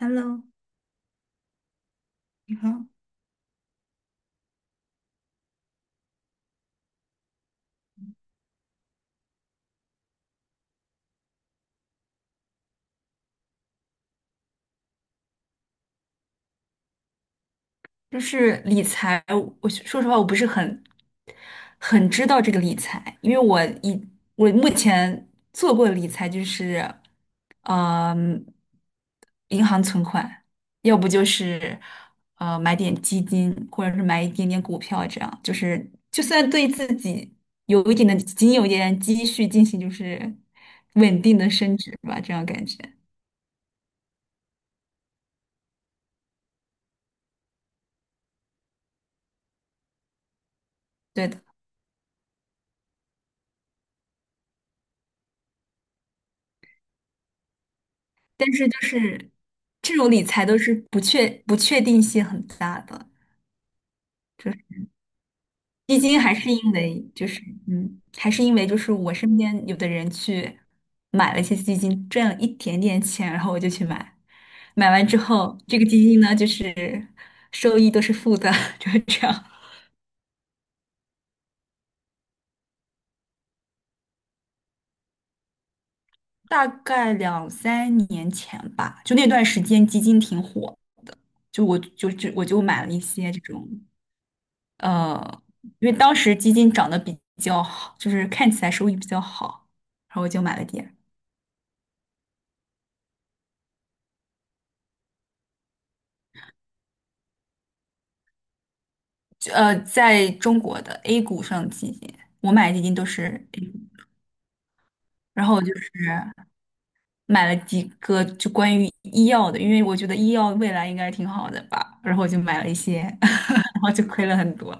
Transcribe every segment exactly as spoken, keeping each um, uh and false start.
Hello，你好。就是理财，我说实话，我不是很很知道这个理财，因为我以我目前做过的理财就是，嗯、银行存款，要不就是呃买点基金，或者是买一点点股票，这样就是就算对自己有一点的仅有一点积蓄进行就是稳定的升值吧，这样感觉。对的。但是就是这种理财都是不确不确定性很大的，就是基金还是因为就是嗯，还是因为就是我身边有的人去买了一些基金，赚了一点点钱，然后我就去买，买完之后这个基金呢就是收益都是负的，就是这样。大概两三年前吧，就那段时间基金挺火的，就我就就我就买了一些这种。呃，因为当时基金涨得比较好，就是看起来收益比较好，然后我就买了点。就呃，在中国的 A 股上的基金，我买的基金都是 A 股，然后我就是买了几个就关于医药的，因为我觉得医药未来应该挺好的吧，然后我就买了一些，然后就亏了很多。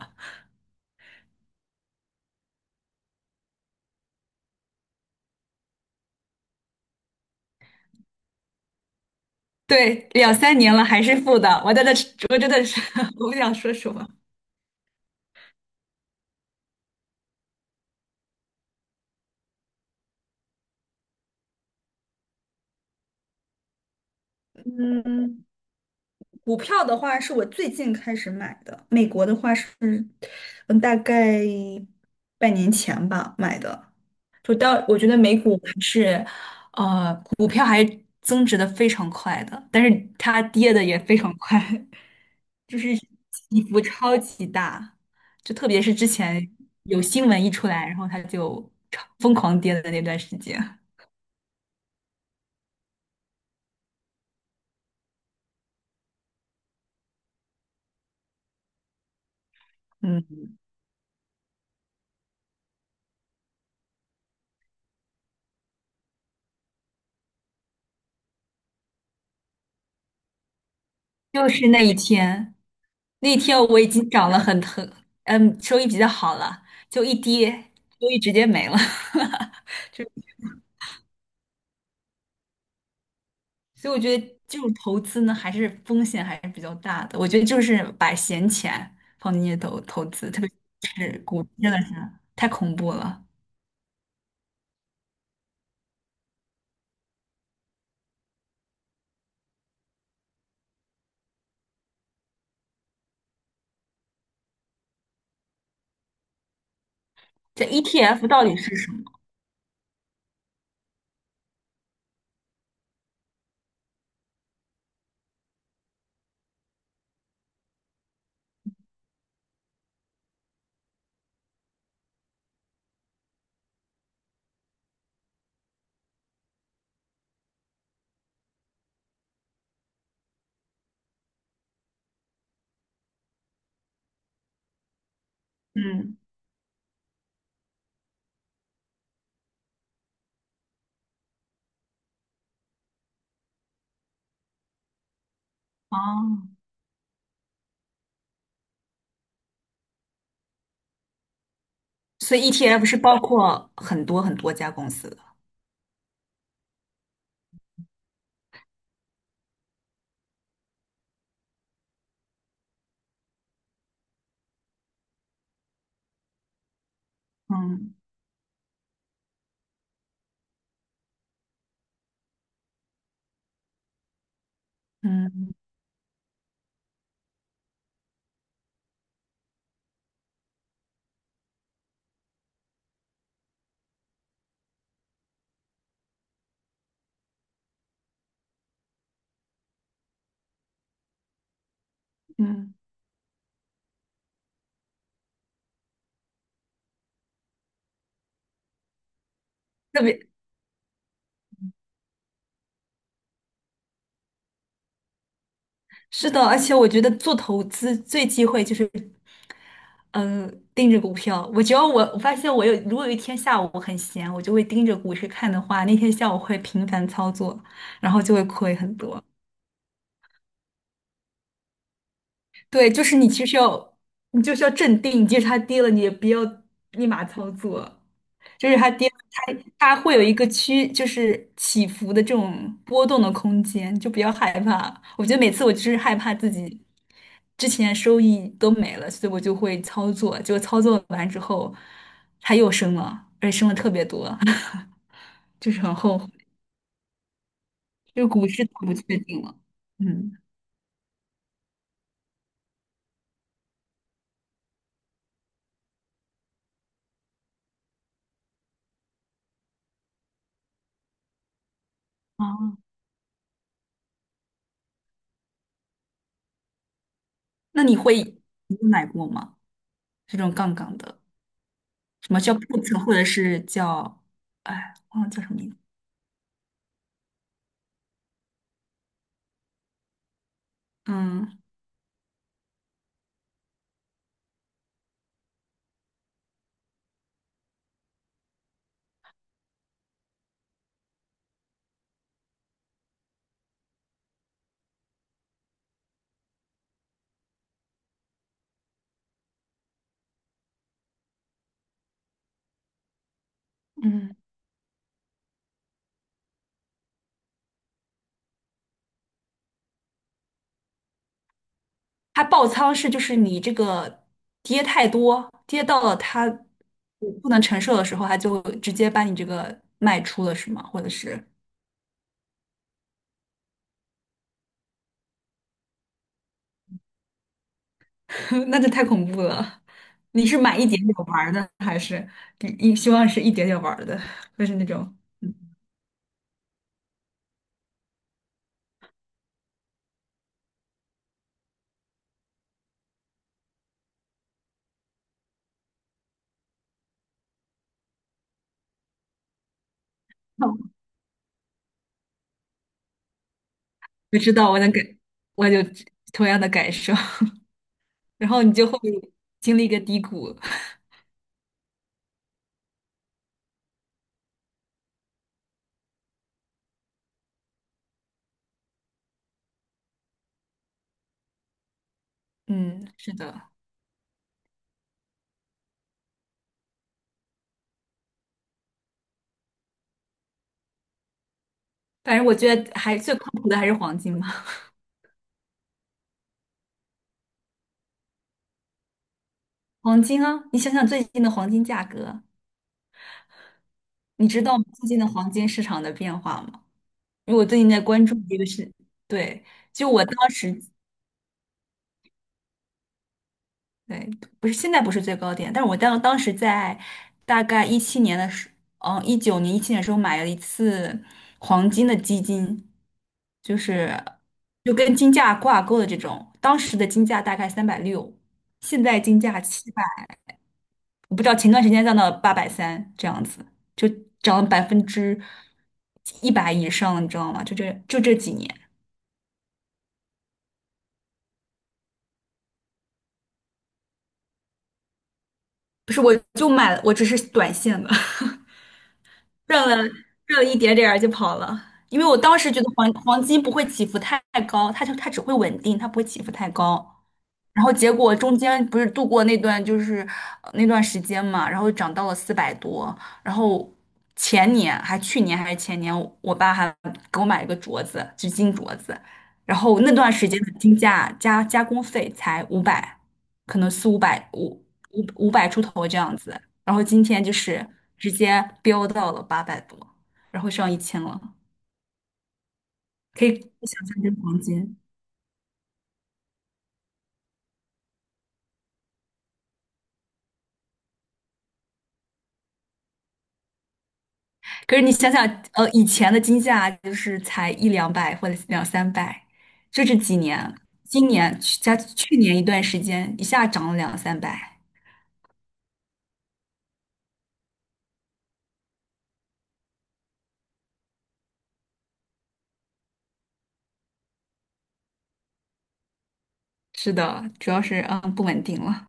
对，两三年了还是负的，我在的是我真的是，我不想说什么。嗯，股票的话是我最近开始买的，美国的话是，嗯，大概半年前吧买的。就到我觉得美股还是，呃，股票还增值的非常快的，但是它跌的也非常快，就是起伏超级大，就特别是之前有新闻一出来，然后它就超疯狂跌的那段时间。嗯。就是那一天，那天我已经涨了很很，嗯，收益比较好了，就一跌，收益直接没了。所以我觉得这种投资呢，还是风险还是比较大的。我觉得就是把闲钱放进去投投资，特别是股，真的是太恐怖了。这 E T F 到底是什么？嗯，哦，所以 E T F 是包括很多很多家公司的。嗯嗯嗯，嗯特别是的，而且我觉得做投资最忌讳就是，嗯、盯着股票。我只要我我发现我有，如果有一天下午我很闲，我就会盯着股市看的话，那天下午会频繁操作，然后就会亏很多。对，就是你其实要，你就是要镇定，即使它跌了，你也不要立马操作。就是它跌，它它会有一个区，就是起伏的这种波动的空间，就不要害怕。我觉得每次我就是害怕自己之前收益都没了，所以我就会操作，结果操作完之后，它又升了，而且升了特别多，就是很后悔，就是股市太不确定了。嗯，哦，那你会你有买过吗？这种杠杆的，什么叫 put，或者是叫，哎，忘了叫什么名字。嗯。嗯。它爆仓是就是你这个跌太多，跌到了它不能承受的时候，它就直接把你这个卖出了，是吗？或者是，那就太恐怖了。你是买一点点玩儿的，还是你你希望是一点点玩儿的，就是那种，嗯，我知道我能感，我有同样的感受，然后你就会经历一个低谷。嗯，是的，反正我觉得还最靠谱的还是黄金嘛。黄金啊，你想想最近的黄金价格。你知道最近的黄金市场的变化吗？因为我最近在关注这个事，对，就我当时，对，不是现在不是最高点，但是我当当时在大概一七年的时，嗯，一九年、一七年的时候买了一次黄金的基金，就是就跟金价挂钩的这种，当时的金价大概三百六，现在金价七百。我不知道前段时间降到八百三这样子，就涨了百分之一百以上，你知道吗？就这就这几年，不是，我就买了，我只是短线的，热了热了一点点儿就跑了，因为我当时觉得黄黄金不会起伏太高，它就它只会稳定，它不会起伏太高。然后结果中间不是度过那段就是呃那段时间嘛，然后涨到了四百多，然后前年还去年还是前年，我爸还给我买了个镯子，就金镯子，然后那段时间的金价加加工费才五百，可能四五百五五五百出头这样子，然后今天就是直接飙到了八百多，然后上一千了，可以想象这是黄金。可是你想想，呃，以前的金价就是才一两百或者两三百，就这几年，今年去加去年一段时间一下涨了两三百。是的，主要是嗯不稳定了。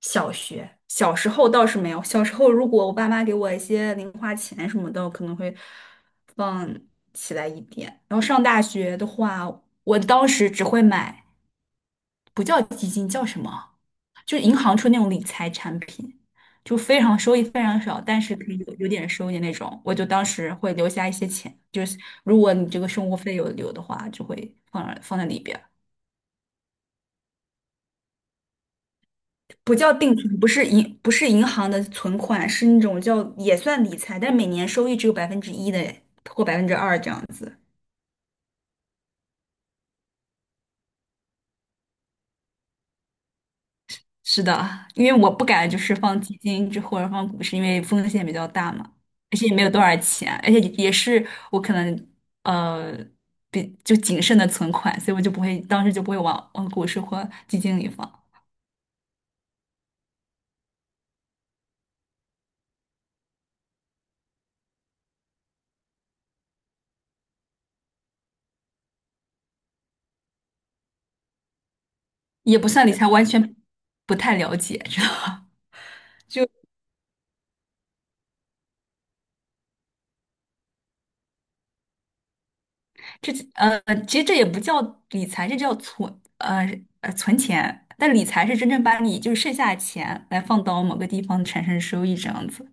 小学，小时候倒是没有。小时候，如果我爸妈给我一些零花钱什么的，我可能会放起来一点。然后上大学的话，我当时只会买，不叫基金，叫什么？就是银行出那种理财产品，就非常收益非常少，但是可以有有点收益那种。我就当时会留下一些钱，就是如果你这个生活费有留的话，就会放放在里边。不叫定存，不是银不是银行的存款，是那种叫也算理财，但是每年收益只有百分之一的或百分之二这样子。是的，因为我不敢就是放基金之或者放股市，因为风险比较大嘛，而且也没有多少钱，而且也是我可能呃比就谨慎的存款，所以我就不会当时就不会往往股市或基金里放，也不算理财，完全不太了解，知道。就。这呃，其实这也不叫理财，这叫存呃呃存钱。但理财是真正把你就是剩下的钱来放到某个地方产生收益这样子，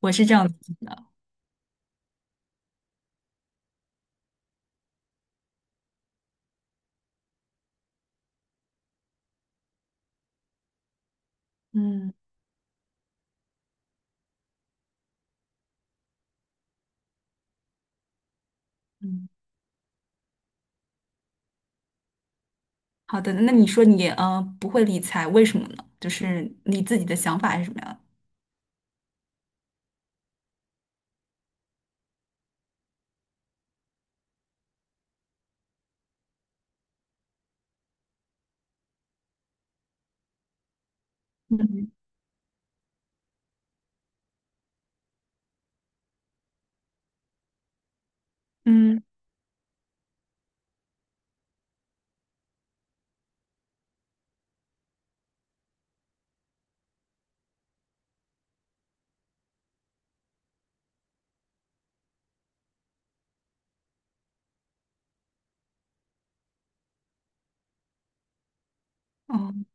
我是这样子的。嗯嗯。好的，那你说你呃不会理财，为什么呢？就是你自己的想法是什么样的？嗯嗯，哦，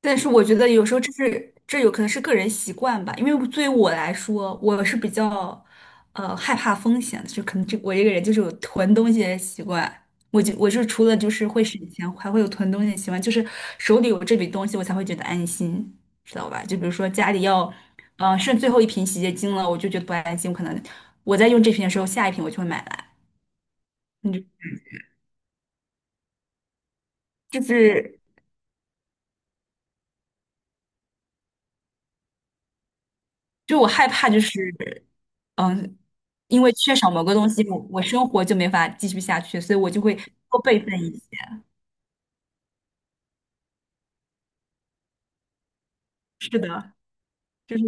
但是我觉得有时候这是这有可能是个人习惯吧，因为对于我来说，我是比较呃害怕风险的，就可能这我这个人就是有囤东西的习惯。我就我是除了就是会省钱，还会有囤东西的习惯，就是手里有这笔东西，我才会觉得安心，知道吧？就比如说家里要，呃，剩最后一瓶洗洁精了，我就觉得不安心，我可能我在用这瓶的时候，下一瓶我就会买来。你就就是就我害怕就是，嗯，因为缺少某个东西，我我生活就没法继续下去，所以我就会多备份一些。是的，就是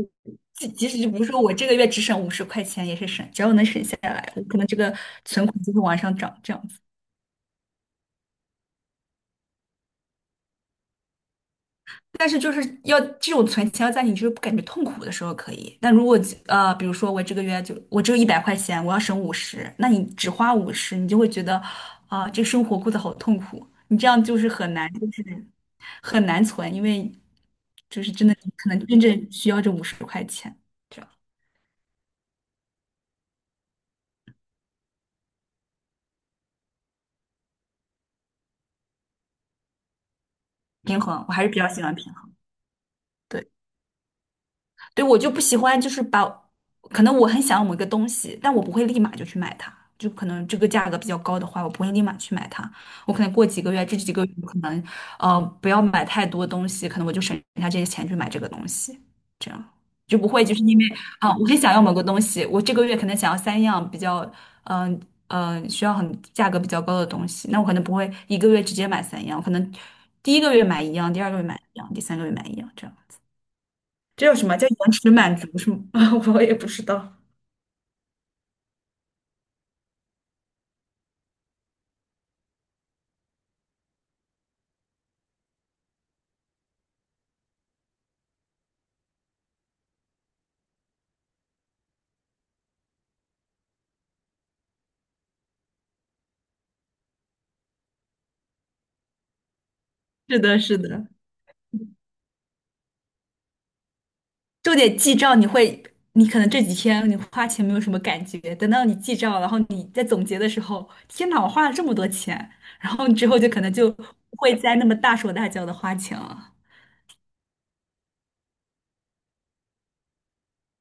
即即使就比如说我这个月只省五十块钱，也是省，只要能省下来，我可能这个存款就会往上涨这样子。但是就是要这种存钱要在你就是不感觉痛苦的时候可以，但如果呃，比如说我这个月就我只有一百块钱，我要省五十，那你只花五十，你就会觉得啊、这生活过得好痛苦，你这样就是很难，就是。很难存，因为就是真的可能真正需要这五十块钱，这样平衡，我还是比较喜欢平衡。对。对，我就不喜欢，就是把，可能我很想要某一个东西，但我不会立马就去买它，就可能这个价格比较高的话，我不会立马去买它，我可能过几个月，这几个月我可能，呃，不要买太多东西，可能我就省下这些钱去买这个东西，这样就不会就是因为啊，我很想要某个东西，我这个月可能想要三样比较，嗯、呃嗯、需要很价格比较高的东西，那我可能不会一个月直接买三样，我可能第一个月买一样，第二个月买一样，第三个月买一样，这样。这叫什么叫延迟满足是吗？啊，我也不知道。是的，是的，就得记账。你会，你可能这几天你花钱没有什么感觉，等到你记账，然后你在总结的时候，天哪，我花了这么多钱，然后你之后就可能就不会再那么大手大脚的花钱了。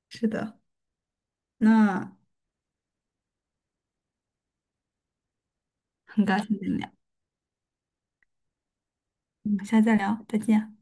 是的，那很高兴跟你聊，我们下次再聊，再见。